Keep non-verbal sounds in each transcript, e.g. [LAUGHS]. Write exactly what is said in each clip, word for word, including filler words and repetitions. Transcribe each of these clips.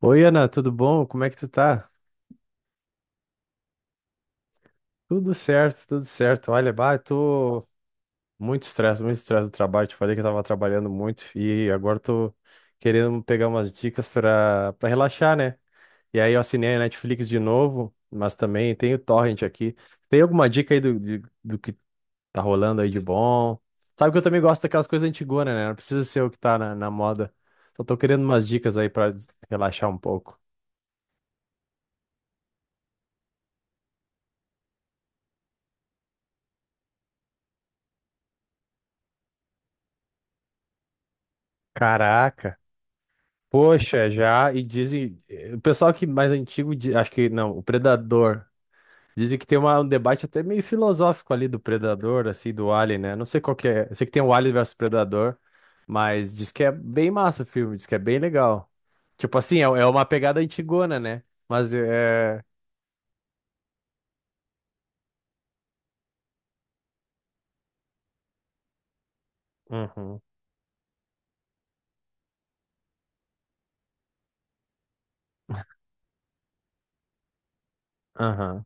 Oi, Ana, tudo bom? Como é que tu tá? Tudo certo, tudo certo. Olha, bah, eu tô muito estresse, muito estresse do trabalho. Te falei que eu tava trabalhando muito e agora eu tô querendo pegar umas dicas pra, pra relaxar, né? E aí eu assinei a Netflix de novo, mas também tem o Torrent aqui. Tem alguma dica aí do, de- do que tá rolando aí de bom? Sabe que eu também gosto daquelas coisas antigonas, né? Não precisa ser o que tá na, na moda. Só tô querendo umas dicas aí pra des- relaxar um pouco. Caraca! Poxa, já, e dizem, eh, o pessoal que mais antigo, di- acho que não, o Predador, dizem que tem uma- um debate até meio filosófico ali do Predador, assim, do Alien, né? Não sei qual que é, eu sei que tem o Alien versus Predador, mas diz que é bem massa o filme, diz que é bem legal. Tipo assim, é, é uma pegada antigona, né? Mas é... Uhum, aham,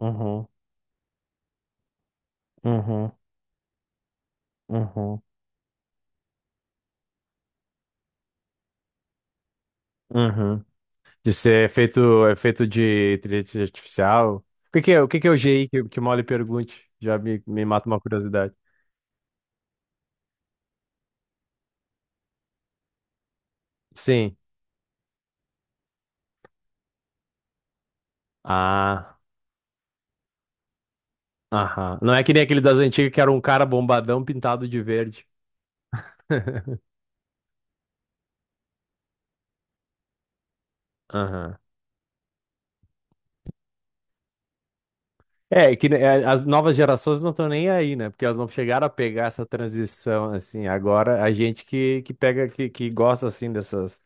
uhum, uhum, uhum, uhum, uhum. De ser feito, é feito de inteligência artificial. O que que é, o que que é o G I que, que o Molly pergunte? Já me, me mata uma curiosidade. Sim. Ah, aham. Não é que nem aquele das antigas que era um cara bombadão pintado de verde. [LAUGHS] Aham. É, que ne- é, as novas gerações não estão nem aí, né? Porque elas não chegaram a pegar essa transição, assim. Agora, a gente que, que pega, que, que gosta, assim, dessas...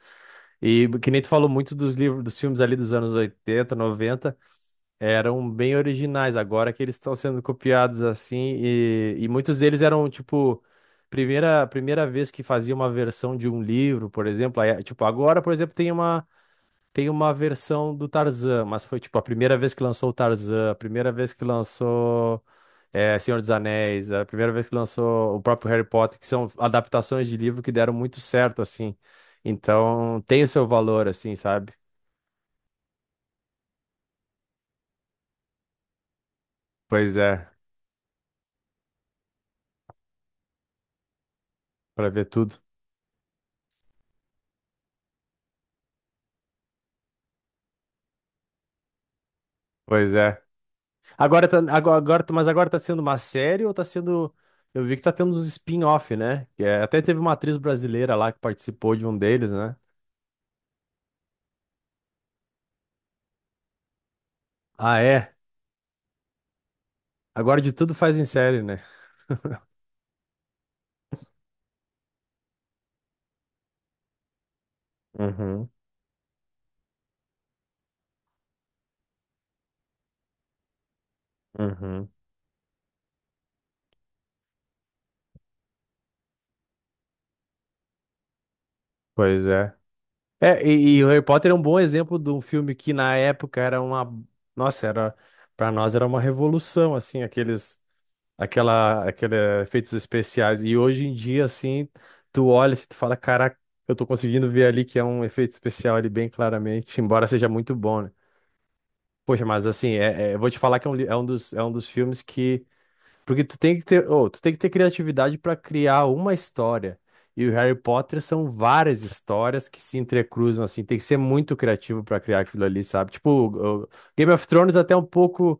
E que nem tu falou muito dos livros, dos filmes ali dos anos oitenta noventa eram bem originais, agora que eles estão sendo copiados assim, e, e muitos deles eram, tipo, primeira, primeira vez que fazia uma versão de um livro, por exemplo, aí, tipo, agora, por exemplo, tem uma, tem uma versão do Tarzan, mas foi, tipo, a primeira vez que lançou o Tarzan, a primeira vez que lançou é, Senhor dos Anéis, a primeira vez que lançou o próprio Harry Potter, que são adaptações de livro que deram muito certo, assim, então tem o seu valor, assim, sabe? Pois é, para ver tudo. Pois é. Agora tá, agora, agora tá- Mas agora tá sendo uma série ou tá sendo. Eu vi que tá tendo uns spin-off, né? Que é- até teve uma atriz brasileira lá que participou de um deles, né? Ah, é? Agora de tudo faz em série, né? Uhum, uhum. Pois é. É, e, e o Harry Potter é um bom exemplo de um filme que na época era uma. Nossa, era. Pra nós era uma revolução, assim, aqueles. aquela, aquele efeitos especiais. E hoje em dia, assim, tu olha e tu fala, caraca, eu tô conseguindo ver ali que é um efeito especial ali bem claramente, [LAUGHS] embora seja muito bom, né? Poxa, mas assim, é, é, eu vou te falar que é um, li- é um dos, é um dos filmes que porque tu tem que ter, ô, tu tem que ter criatividade para criar uma história. E o Harry Potter são várias histórias que se entrecruzam, assim. Tem que ser muito criativo para criar aquilo ali, sabe? Tipo, o, o Game of Thrones até um pouco.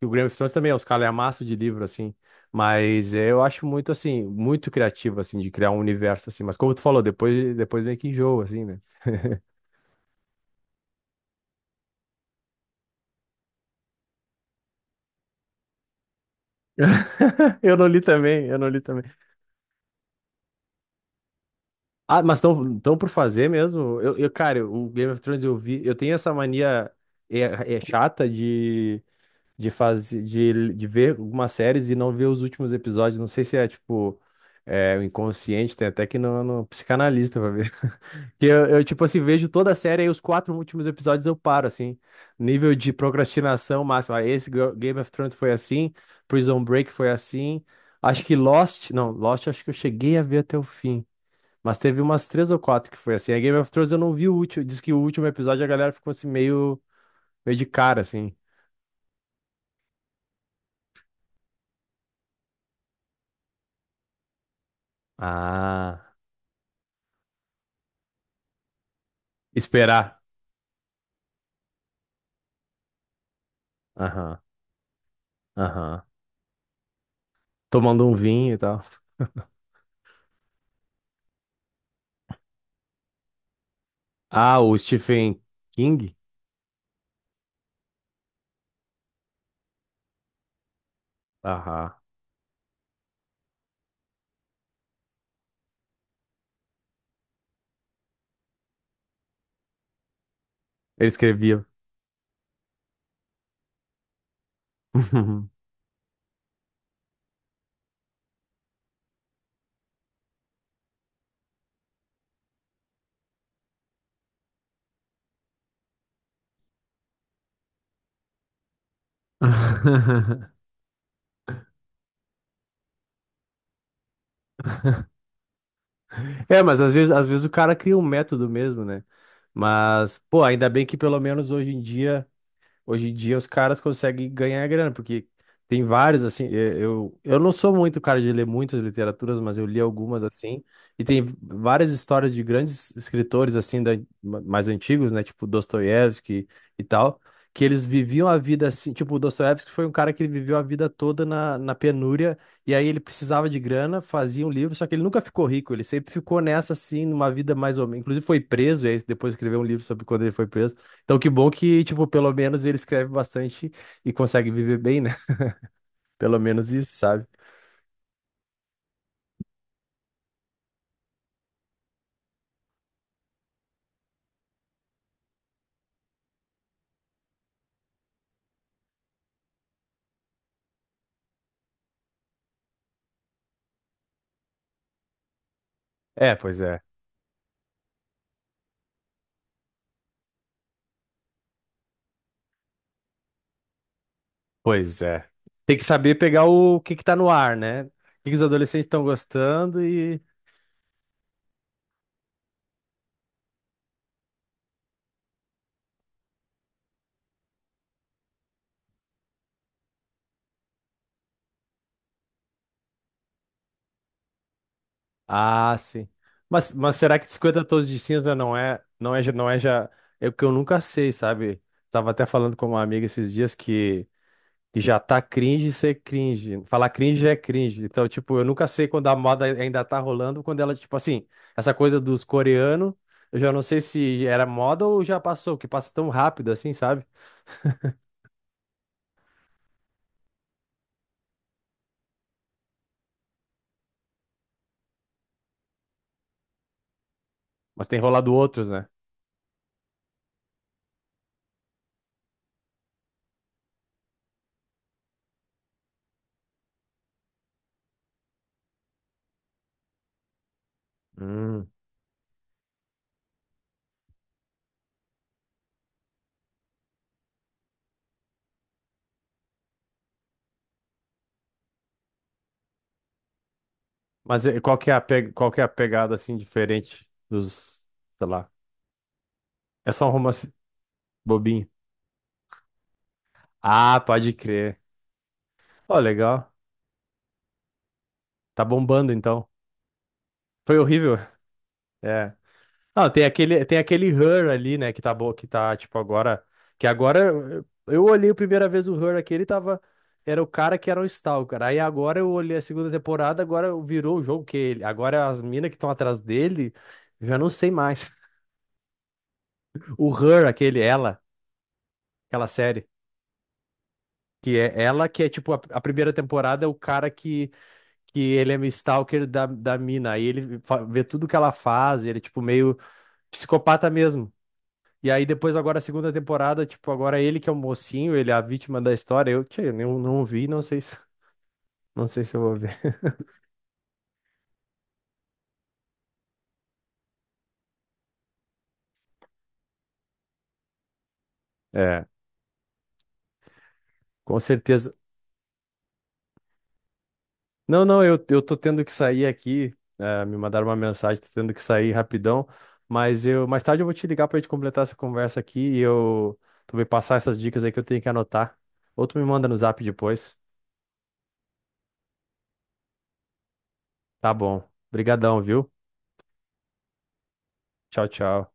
E o Game of Thrones também é uns calhamaços de livro, assim. Mas eu acho muito, assim, muito criativo, assim, de criar um universo, assim. Mas como tu falou, depois, depois meio que enjoa, assim, né? [LAUGHS] Eu não li também, eu não li também. Ah, mas estão tão por fazer mesmo? Eu, eu, cara, o Game of Thrones eu vi. Eu tenho essa mania é, é chata de, de, fazer, de, de ver algumas séries e não ver os últimos episódios. Não sei se é tipo. É, o inconsciente, tem até que no, no psicanalista pra ver. [LAUGHS] Que eu, eu, tipo assim, vejo toda a série e os quatro últimos episódios eu paro, assim. Nível de procrastinação máximo. Ah, Esse Go- Game of Thrones foi assim, Prison Break foi assim. Acho que Lost, não, Lost acho que eu cheguei a ver até o fim. Mas teve umas três ou quatro que foi assim. A Game of Thrones eu não vi o último. Diz que o último episódio a galera ficou assim meio, meio de cara, assim. Ah, esperar. Aham, aham. Tomando um vinho e tal. Ah, o Stephen King? Aham. Ele escrevia. [LAUGHS] É, mas às vezes, às vezes o cara cria um método mesmo, né? Mas, pô, ainda bem que pelo menos hoje em dia. Hoje em dia os caras conseguem ganhar grana, porque tem vários, assim, eh, eu, eu não sou muito cara de ler muitas literaturas, mas eu li algumas, assim, e tem várias histórias de grandes escritores, assim, da- ma- mais antigos, né, tipo Dostoiévski e tal, que eles viviam a vida assim, tipo, o Dostoiévski foi um cara que ele viveu a vida toda na, na penúria, e aí ele precisava de grana, fazia um livro, só que ele nunca ficou rico, ele sempre ficou nessa, assim, numa vida mais ou menos, inclusive foi preso, e aí depois escreveu um livro sobre quando ele foi preso, então, que bom que, tipo, pelo menos ele escreve bastante e consegue viver bem, né? [LAUGHS] Pelo menos isso, sabe? É, pois é. Pois é. Tem que saber pegar o que que tá no ar, né? O que que os adolescentes estão gostando e... Ah, sim. Mas, mas será que cinquenta tons de cinza não é, não é, já- não é já... É o que eu nunca sei, sabe? Tava até falando com uma amiga esses dias que que já tá cringe ser cringe. Falar cringe é cringe. Então, tipo, eu nunca sei quando a moda ainda tá rolando, quando ela, tipo assim, essa coisa dos coreanos, eu já não sei se era moda ou já passou, que passa tão rápido assim, sabe? Mas tem rolado outros, né? Hum. Mas eh, qual que é a, pe- qual que é a pegada, assim, diferente dos, sei lá, é só um romance bobinho. Ah, pode crer. Ó, legal. Tá bombando, então. Foi horrível. É. Ah, tem aquele, tem aquele Her ali, né, que tá boa, que tá, tipo, agora. Que agora eu eu olhei a primeira vez o Her aqui, ele tava. Era o cara que era um Stalker. Aí agora eu olhei a segunda temporada, agora virou o jogo que ele. Agora as minas que estão atrás dele, eu já não sei mais. [LAUGHS] O Her, aquele, ela, aquela série. Que é ela que é tipo a, a primeira temporada é o cara que, que ele é meio stalker da, da mina. Aí ele fa- vê tudo que ela faz, ele é tipo meio psicopata mesmo. E aí depois agora a segunda temporada, tipo, agora é ele que é o mocinho, ele é a vítima da história. Eu, tchê, eu não, não vi, não sei se, [LAUGHS] não sei se eu vou ver. É, com certeza. Não, não, eu, eu tô tendo que sair aqui. é, me mandaram uma mensagem, tô tendo que sair rapidão. Mas eu, mais tarde eu vou te ligar pra gente completar essa conversa aqui e eu tu vai passar essas dicas aí que eu tenho que anotar. Ou tu me manda no zap depois. Tá bom. Obrigadão, viu? Tchau, tchau.